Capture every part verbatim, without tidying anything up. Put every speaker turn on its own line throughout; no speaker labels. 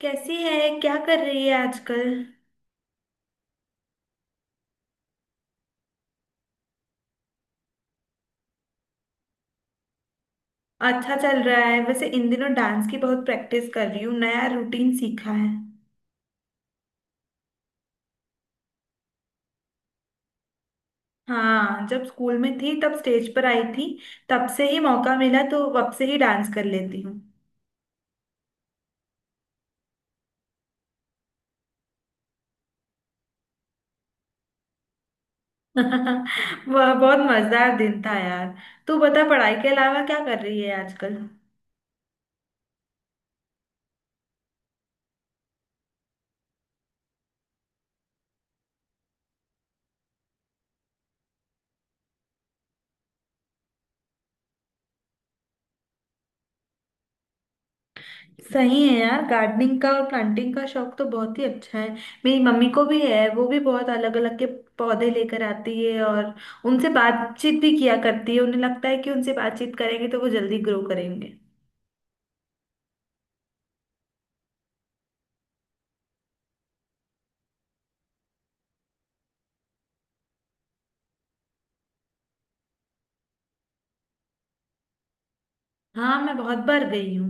कैसी है, क्या कर रही है आजकल। अच्छा चल रहा है। वैसे इन दिनों डांस की बहुत प्रैक्टिस कर रही हूँ, नया रूटीन सीखा है। हाँ, जब स्कूल में थी तब स्टेज पर आई थी। तब से ही मौका मिला तो अब से ही डांस कर लेती हूँ। वह बहुत मजेदार दिन था यार। तू बता, पढ़ाई के अलावा क्या कर रही है आजकल। सही है यार, गार्डनिंग का और प्लांटिंग का शौक तो बहुत ही अच्छा है। मेरी मम्मी को भी है, वो भी बहुत अलग अलग के पौधे लेकर आती है और उनसे बातचीत भी किया करती है। उन्हें लगता है कि उनसे बातचीत करेंगे तो वो जल्दी ग्रो करेंगे। हाँ, मैं बहुत बार गई हूँ।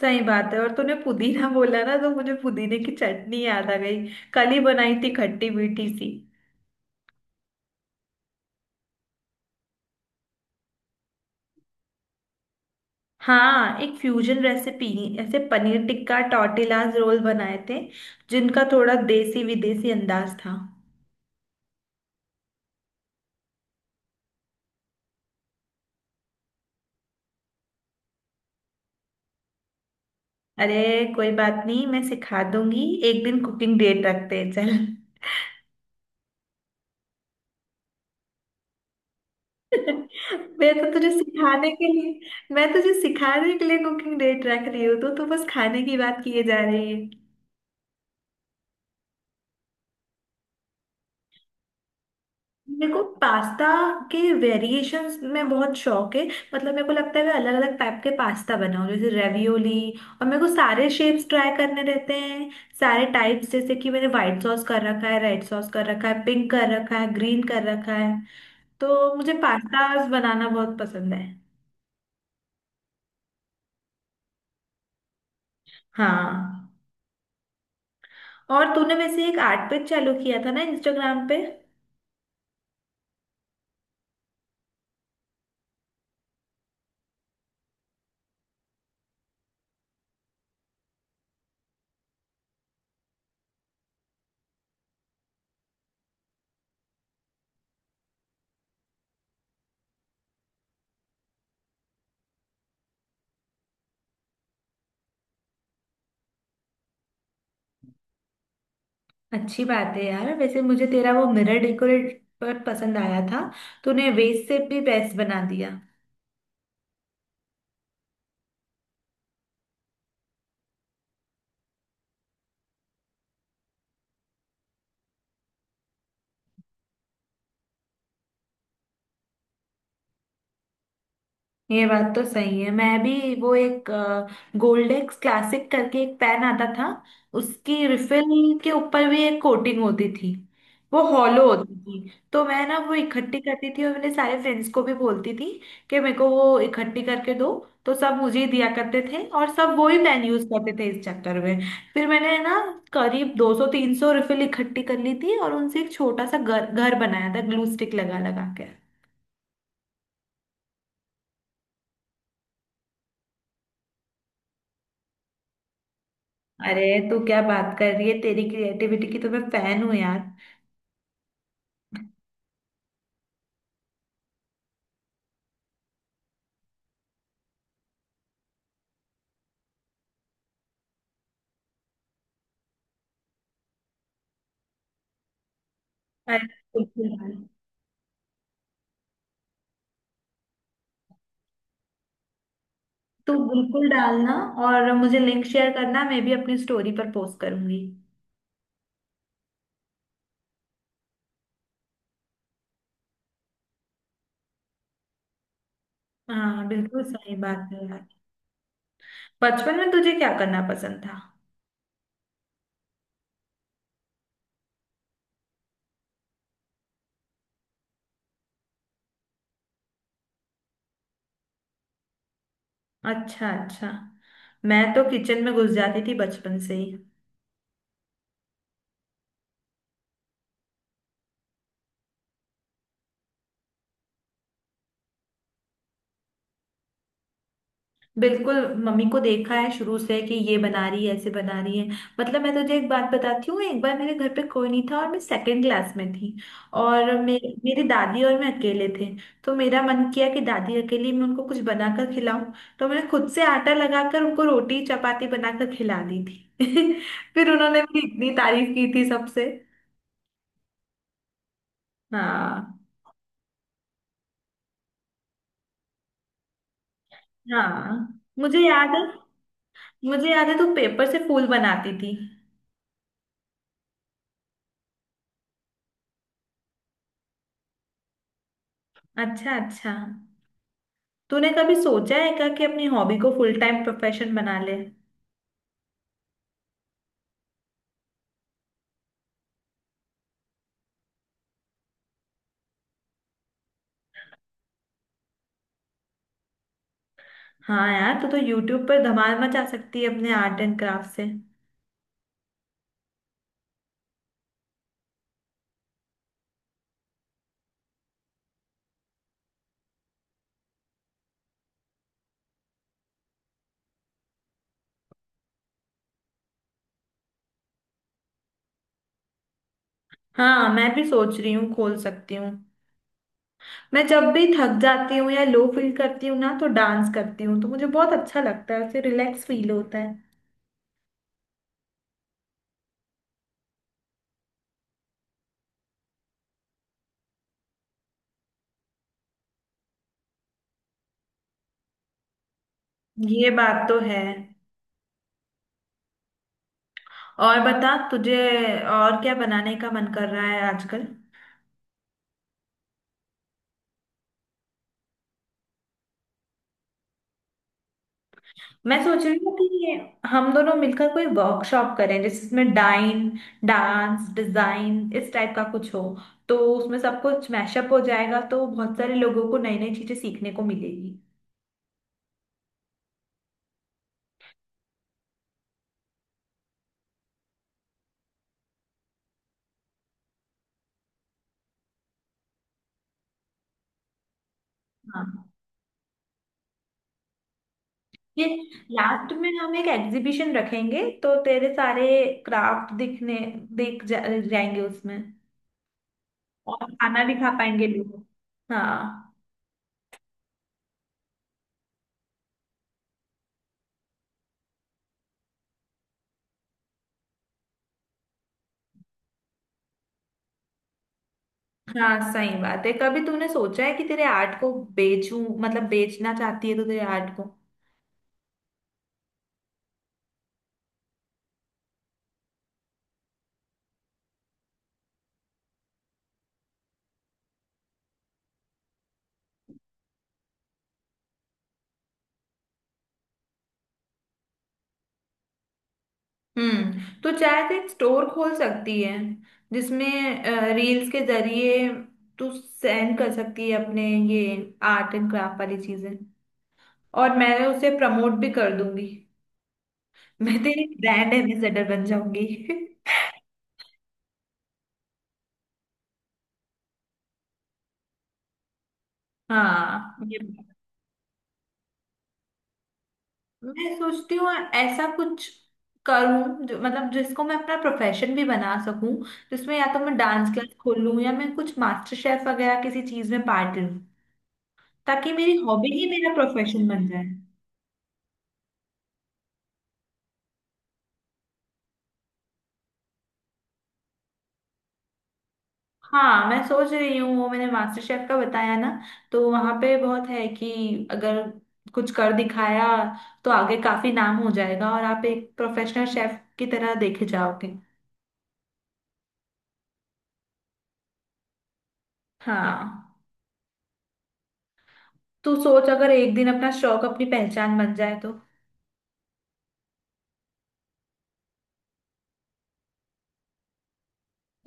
सही बात है। और तूने पुदीना बोला ना तो मुझे पुदीने की चटनी याद आ गई। कल ही बनाई थी, खट्टी मीठी सी। हाँ, एक फ्यूजन रेसिपी, ऐसे पनीर टिक्का टॉर्टिलाज रोल बनाए थे जिनका थोड़ा देसी विदेशी अंदाज था। अरे कोई बात नहीं, मैं सिखा दूंगी। एक दिन कुकिंग डेट रखते हैं चल। मैं तो तुझे सिखाने के लिए मैं तुझे सिखाने के लिए कुकिंग डेट रख रही हूँ तो तू बस खाने की बात किए जा रही है। मेरे को पास्ता के वेरिएशंस में बहुत शौक है। मतलब मेरे को लगता है मैं अलग अलग टाइप के पास्ता बनाऊं जैसे रेवियोली। और मेरे को सारे शेप्स ट्राई करने रहते हैं, सारे टाइप्स। जैसे कि मैंने व्हाइट सॉस कर रखा है, रेड सॉस कर रखा है, पिंक कर रखा है, ग्रीन कर रखा है। तो मुझे पास्ताज बनाना बहुत पसंद है। हाँ, और तूने वैसे एक आर्ट पेज चालू किया था ना इंस्टाग्राम पे। अच्छी बात है यार। वैसे मुझे तेरा वो मिरर डेकोरेट पर पसंद आया था, तूने वेस्ट से भी बेस्ट बना दिया। ये बात तो सही है। मैं भी वो एक गोल्डेक्स क्लासिक करके एक पेन आता था, उसकी रिफिल के ऊपर भी एक कोटिंग होती थी। वो हॉलो होती थी, तो मैं ना वो इकट्ठी करती थी और मेरे सारे फ्रेंड्स को भी बोलती थी कि मेरे को वो इकट्ठी करके दो। तो सब मुझे ही दिया करते थे और सब वो ही पेन यूज करते थे इस चक्कर में। फिर मैंने ना करीब दो सौ तीन सौ रिफिल इकट्ठी कर ली थी और उनसे एक छोटा सा घर घर बनाया था, ग्लू स्टिक लगा लगा के। अरे तू क्या बात कर रही है, तेरी क्रिएटिविटी की तो मैं फैन हूँ यार। अरे बिल्कुल डाल। तू बिल्कुल डालना और मुझे लिंक शेयर करना, मैं भी अपनी स्टोरी पर पोस्ट करूंगी। हाँ बिल्कुल, सही बात है यार। बचपन में तुझे क्या करना पसंद था। अच्छा अच्छा। मैं तो किचन में घुस जाती थी बचपन से ही। बिल्कुल। मम्मी को देखा है शुरू से कि ये बना रही है, ऐसे बना रही है। मतलब मैं तुझे एक बात बताती हूँ, एक बार मेरे घर पे कोई नहीं था और मैं सेकंड क्लास में थी। और मे, मेरी दादी और मैं अकेले थे। तो मेरा मन किया कि दादी अकेली, मैं उनको कुछ बनाकर खिलाऊं। तो मैंने खुद से आटा लगाकर उनको रोटी चपाती बनाकर खिला दी थी। फिर उन्होंने मेरी इतनी तारीफ की थी सबसे। हाँ हाँ, मुझे याद है। मुझे याद है तू पेपर से फूल बनाती थी। अच्छा अच्छा। तूने कभी सोचा है क्या कि अपनी हॉबी को फुल टाइम प्रोफेशन बना ले। हाँ यार, तू तो यूट्यूब पर धमाल मचा सकती है अपने आर्ट एंड क्राफ्ट से। हाँ, मैं भी सोच रही हूँ खोल सकती हूँ। मैं जब भी थक जाती हूँ या लो फील करती हूँ ना तो डांस करती हूँ, तो मुझे बहुत अच्छा लगता है, फिर रिलैक्स फील होता है। ये बात तो है। और बता तुझे और क्या बनाने का मन कर रहा है आजकल। मैं सोच रही हूँ कि हम दोनों मिलकर कोई वर्कशॉप करें जिसमें डाइन डांस डिजाइन इस टाइप का कुछ हो। तो उसमें सब कुछ मैशअप हो जाएगा, तो बहुत सारे लोगों को नई नई चीजें सीखने को मिलेगी। हाँ ये, लास्ट में हम एक एग्जीबिशन रखेंगे तो तेरे सारे क्राफ्ट दिखने दिख जा, जाएंगे उसमें। और खाना भी खा पाएंगे लोग। हाँ हाँ, सही बात है। कभी तूने सोचा है कि तेरे आर्ट को बेचूं, मतलब बेचना चाहती है तो तेरे आर्ट को। हम्म, तो चाहे तो एक स्टोर खोल सकती है जिसमें रील्स के जरिए तू सेंड कर सकती है अपने ये आर्ट एंड क्राफ्ट वाली चीजें, और मैं उसे प्रमोट भी कर दूंगी। मैं तेरी ब्रांड एम्बेसडर बन जाऊंगी। हाँ ये, मैं सोचती हूँ ऐसा कुछ करूँ जो मतलब जिसको मैं अपना प्रोफेशन भी बना सकूं, जिसमें या तो मैं डांस क्लास खोल लूँ या मैं कुछ मास्टर शेफ वगैरह किसी चीज में पार्ट लूँ। ताकि मेरी हॉबी ही मेरा प्रोफेशन बन जाए। हाँ मैं सोच रही हूँ, वो मैंने मास्टर शेफ का बताया ना, तो वहां पे बहुत है कि अगर कुछ कर दिखाया तो आगे काफी नाम हो जाएगा और आप एक प्रोफेशनल शेफ की तरह देखे जाओगे। हाँ, तू सोच अगर एक दिन अपना शौक अपनी पहचान बन जाए तो।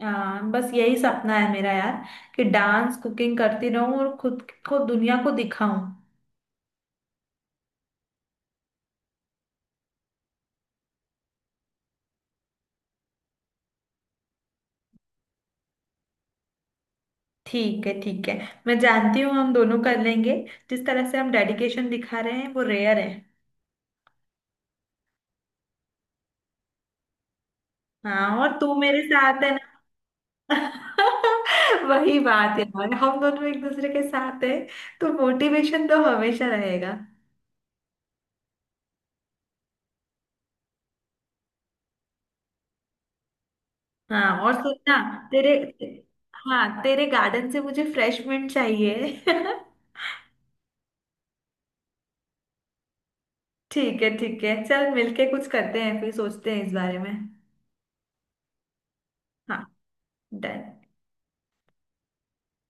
आ, बस यही सपना है मेरा यार कि डांस कुकिंग करती रहूं और खुद को दुनिया को दिखाऊं। ठीक है ठीक है, मैं जानती हूँ हम दोनों कर लेंगे। जिस तरह से हम डेडिकेशन दिखा रहे हैं वो रेयर है। हाँ और तू मेरे साथ है। वही बात है यार, हम दोनों एक दूसरे के साथ है, तो मोटिवेशन तो हमेशा रहेगा। हाँ और सुनना, तेरे, हाँ तेरे गार्डन से मुझे फ्रेश मिंट चाहिए। ठीक है ठीक है, चल मिलके कुछ करते हैं फिर सोचते हैं इस बारे में। हाँ डन।